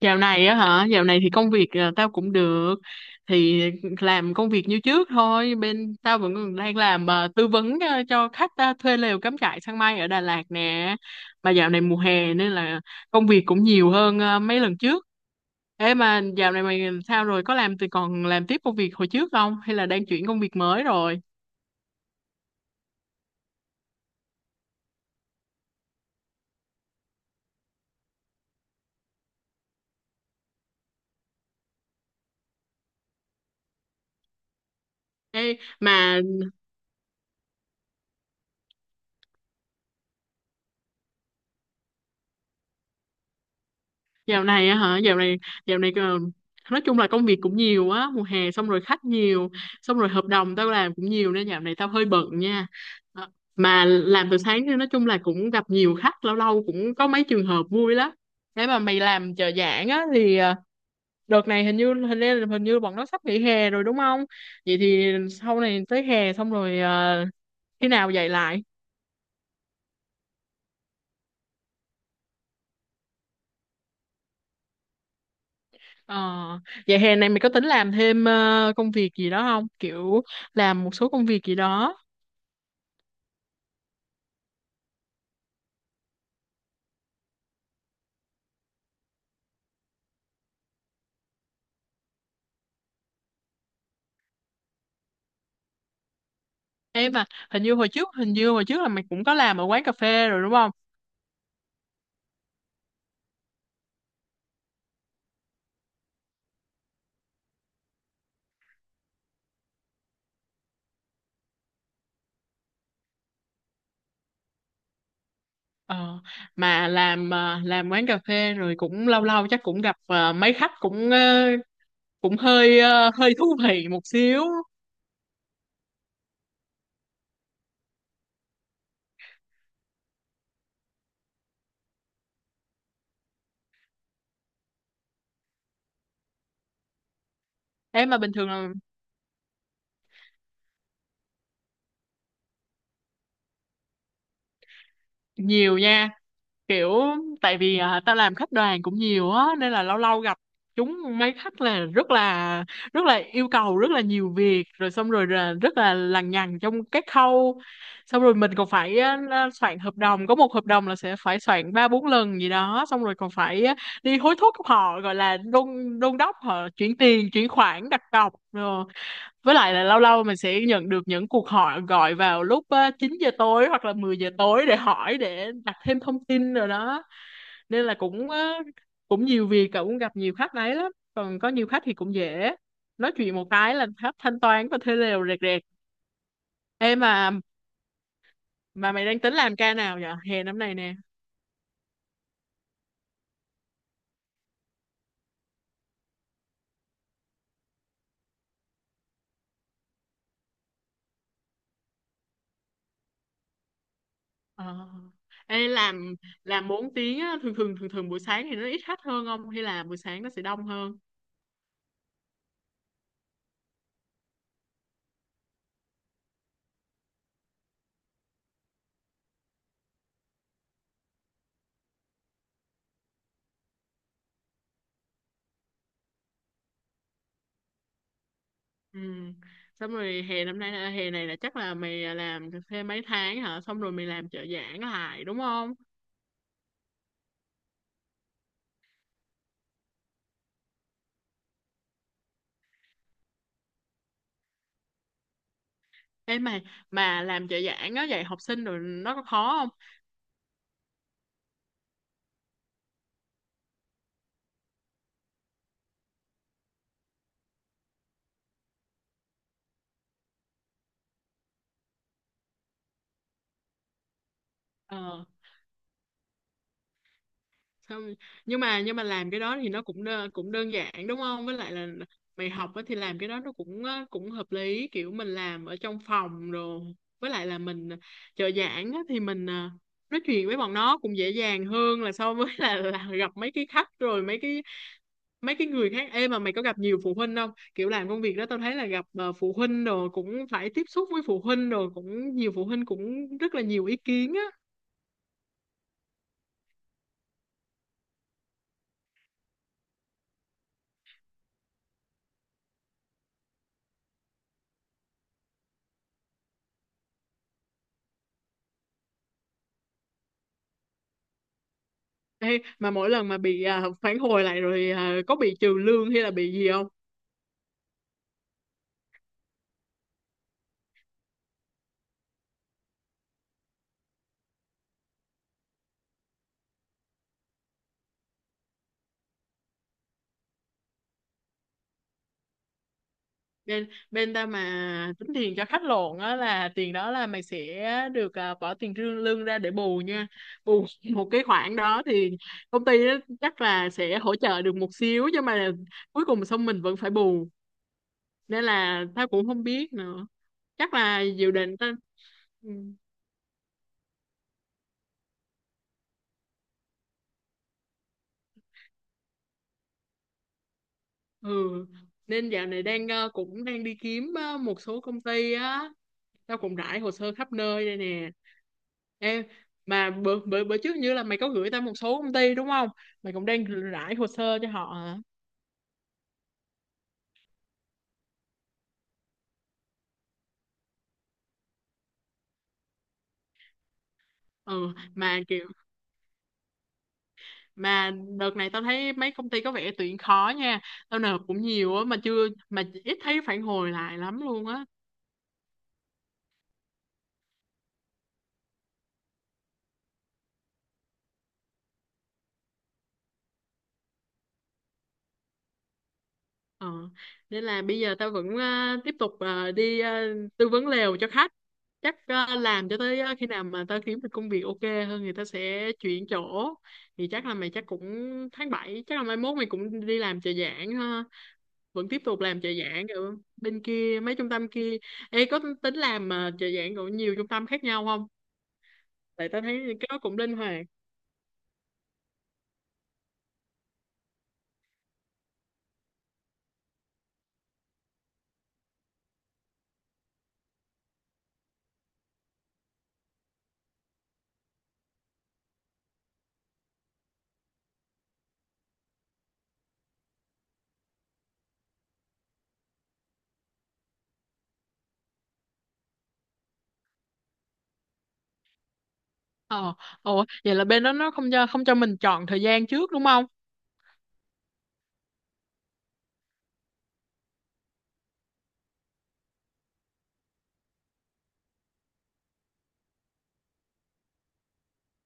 Dạo này á hả? Dạo này thì công việc tao cũng được. Thì làm công việc như trước thôi. Bên tao vẫn còn đang làm tư vấn cho khách thuê lều cắm trại sang mây ở Đà Lạt nè. Mà dạo này mùa hè nên là công việc cũng nhiều hơn mấy lần trước. Ê mà dạo này mày sao rồi? Có làm thì còn làm tiếp công việc hồi trước không? Hay là đang chuyển công việc mới rồi? Ê, mà dạo này á hả? Dạo này, nói chung là công việc cũng nhiều á, mùa hè xong rồi khách nhiều, xong rồi hợp đồng tao làm cũng nhiều nên dạo này tao hơi bận nha. Ờ, mà làm từ sáng nên nói chung là cũng gặp nhiều khách, lâu lâu cũng có mấy trường hợp vui lắm. Thế mà mày làm trợ giảng á thì đợt này hình như bọn nó sắp nghỉ hè rồi đúng không? Vậy thì sau này tới hè xong rồi, khi nào dạy lại? Ờ, vậy hè này mày có tính làm thêm công việc gì đó không? Kiểu làm một số công việc gì đó. Ê mà hình như hồi trước, hình như hồi trước là mày cũng có làm ở quán cà phê rồi đúng không? Ờ, mà làm quán cà phê rồi cũng lâu lâu chắc cũng gặp mấy khách cũng cũng hơi hơi thú vị một xíu. Ê mà bình thường là nhiều nha. Kiểu tại vì tao làm khách đoàn cũng nhiều á nên là lâu lâu gặp chúng mấy khách là rất là rất là yêu cầu rất là nhiều việc rồi xong rồi là rất là lằng nhằng trong các khâu, xong rồi mình còn phải soạn hợp đồng, có một hợp đồng là sẽ phải soạn ba bốn lần gì đó, xong rồi còn phải đi hối thúc họ, gọi là đôn đôn đốc họ chuyển tiền, chuyển khoản đặt cọc rồi. Với lại là lâu lâu mình sẽ nhận được những cuộc hỏi gọi vào lúc 9 giờ tối hoặc là 10 giờ tối để hỏi để đặt thêm thông tin rồi đó, nên là cũng nhiều việc. Cậu cũng gặp nhiều khách đấy lắm, còn có nhiều khách thì cũng dễ nói chuyện, một cái là khách thanh toán và thuê lều rẹt rẹt. Ê, mà mày đang tính làm ca nào vậy hè năm này nè? Ờ. Ê, làm 4 tiếng á, thường thường buổi sáng thì nó ít khách hơn không, hay là buổi sáng nó sẽ đông hơn? Ừ. Xong rồi hè năm nay là hè này là chắc là mày làm thêm mấy tháng hả? Xong rồi mày làm trợ giảng lại đúng không? Ê mày, mà làm trợ giảng á, dạy học sinh rồi nó có khó không? Ờ. Xong nhưng mà làm cái đó thì nó cũng đơn giản đúng không? Với lại là mày học á thì làm cái đó nó cũng hợp lý, kiểu mình làm ở trong phòng rồi. Với lại là mình trợ giảng á thì mình nói chuyện với bọn nó cũng dễ dàng hơn là so với là gặp mấy cái khách rồi mấy cái người khác. Em mà mày có gặp nhiều phụ huynh không, kiểu làm công việc đó tao thấy là gặp phụ huynh rồi cũng phải tiếp xúc với phụ huynh, rồi cũng nhiều phụ huynh cũng rất là nhiều ý kiến á. Ê, mà mỗi lần mà bị phản hồi lại rồi, có bị trừ lương hay là bị gì không? Bên bên ta mà tính tiền cho khách lộn á, là tiền đó là mày sẽ bỏ tiền lương lương ra để bù nha, bù một cái khoản đó thì công ty á chắc là sẽ hỗ trợ được một xíu, nhưng mà cuối cùng xong mình vẫn phải bù, nên là tao cũng không biết nữa. Chắc là dự định ta. Ừ. Ừ. Nên dạo này đang cũng đang đi kiếm một số công ty á, tao cũng rải hồ sơ khắp nơi đây nè. Em mà bữa, bữa bữa trước như là mày có gửi tao một số công ty đúng không, mày cũng đang rải hồ sơ cho họ hả? Ừ, mà kiểu mà đợt này tao thấy mấy công ty có vẻ tuyển khó nha, tao nộp cũng nhiều á mà chưa, mà ít thấy phản hồi lại lắm luôn á. Ờ, nên là bây giờ tao vẫn tiếp tục đi tư vấn lều cho khách. Chắc làm cho tới khi nào mà tao kiếm được công việc ok hơn thì tao sẽ chuyển chỗ. Thì chắc là mày chắc cũng tháng bảy, chắc là mai mốt mày cũng đi làm trợ giảng ha. Vẫn tiếp tục làm trợ giảng ở bên kia, mấy trung tâm kia. Ê, có tính làm trợ giảng của nhiều trung tâm khác nhau không? Tại tao thấy cái đó cũng linh hoạt. Ờ, ồ, vậy là bên đó nó không cho, không cho mình chọn thời gian trước đúng không?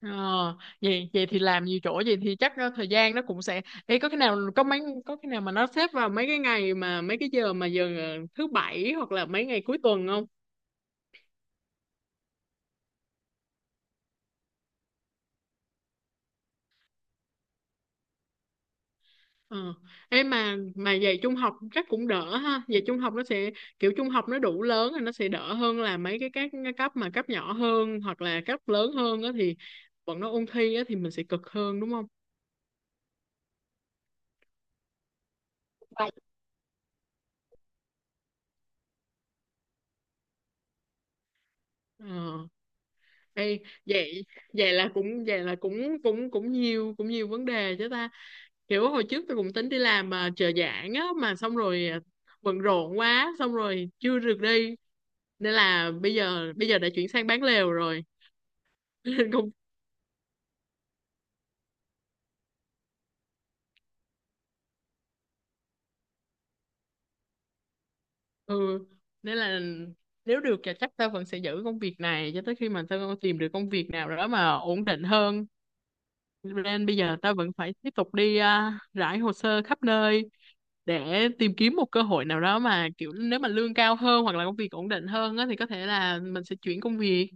Ờ, vậy vậy thì làm nhiều chỗ vậy thì chắc thời gian nó cũng sẽ. Ê, có cái nào có mấy, có cái nào mà nó xếp vào mấy cái ngày mà mấy cái giờ mà thứ bảy hoặc là mấy ngày cuối tuần không? Ờ. Ê mà dạy trung học chắc cũng đỡ ha. Dạy trung học nó sẽ kiểu trung học nó đủ lớn thì nó sẽ đỡ hơn là mấy cái các cái cấp mà cấp nhỏ hơn hoặc là cấp lớn hơn á, thì bọn nó ôn thi á thì mình sẽ cực hơn đúng không? Ờ. Ê, vậy vậy là cũng cũng cũng nhiều vấn đề chứ ta. Kiểu hồi trước tôi cũng tính đi làm mà trợ giảng á, mà xong rồi bận rộn quá xong rồi chưa được đi, nên là bây giờ đã chuyển sang bán lều rồi nên cũng ừ, nên là nếu được thì chắc tao vẫn sẽ giữ công việc này cho tới khi mà tao tìm được công việc nào đó mà ổn định hơn, nên bây giờ tao vẫn phải tiếp tục đi rải hồ sơ khắp nơi để tìm kiếm một cơ hội nào đó mà kiểu nếu mà lương cao hơn hoặc là công việc ổn định hơn á, thì có thể là mình sẽ chuyển công việc.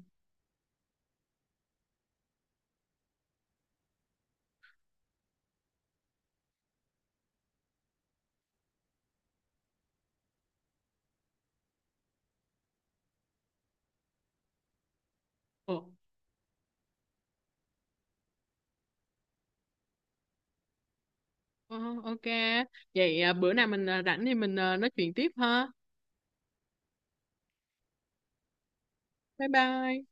Ồ, ờ, ok. Vậy bữa nào mình rảnh thì mình nói chuyện tiếp ha. Bye bye.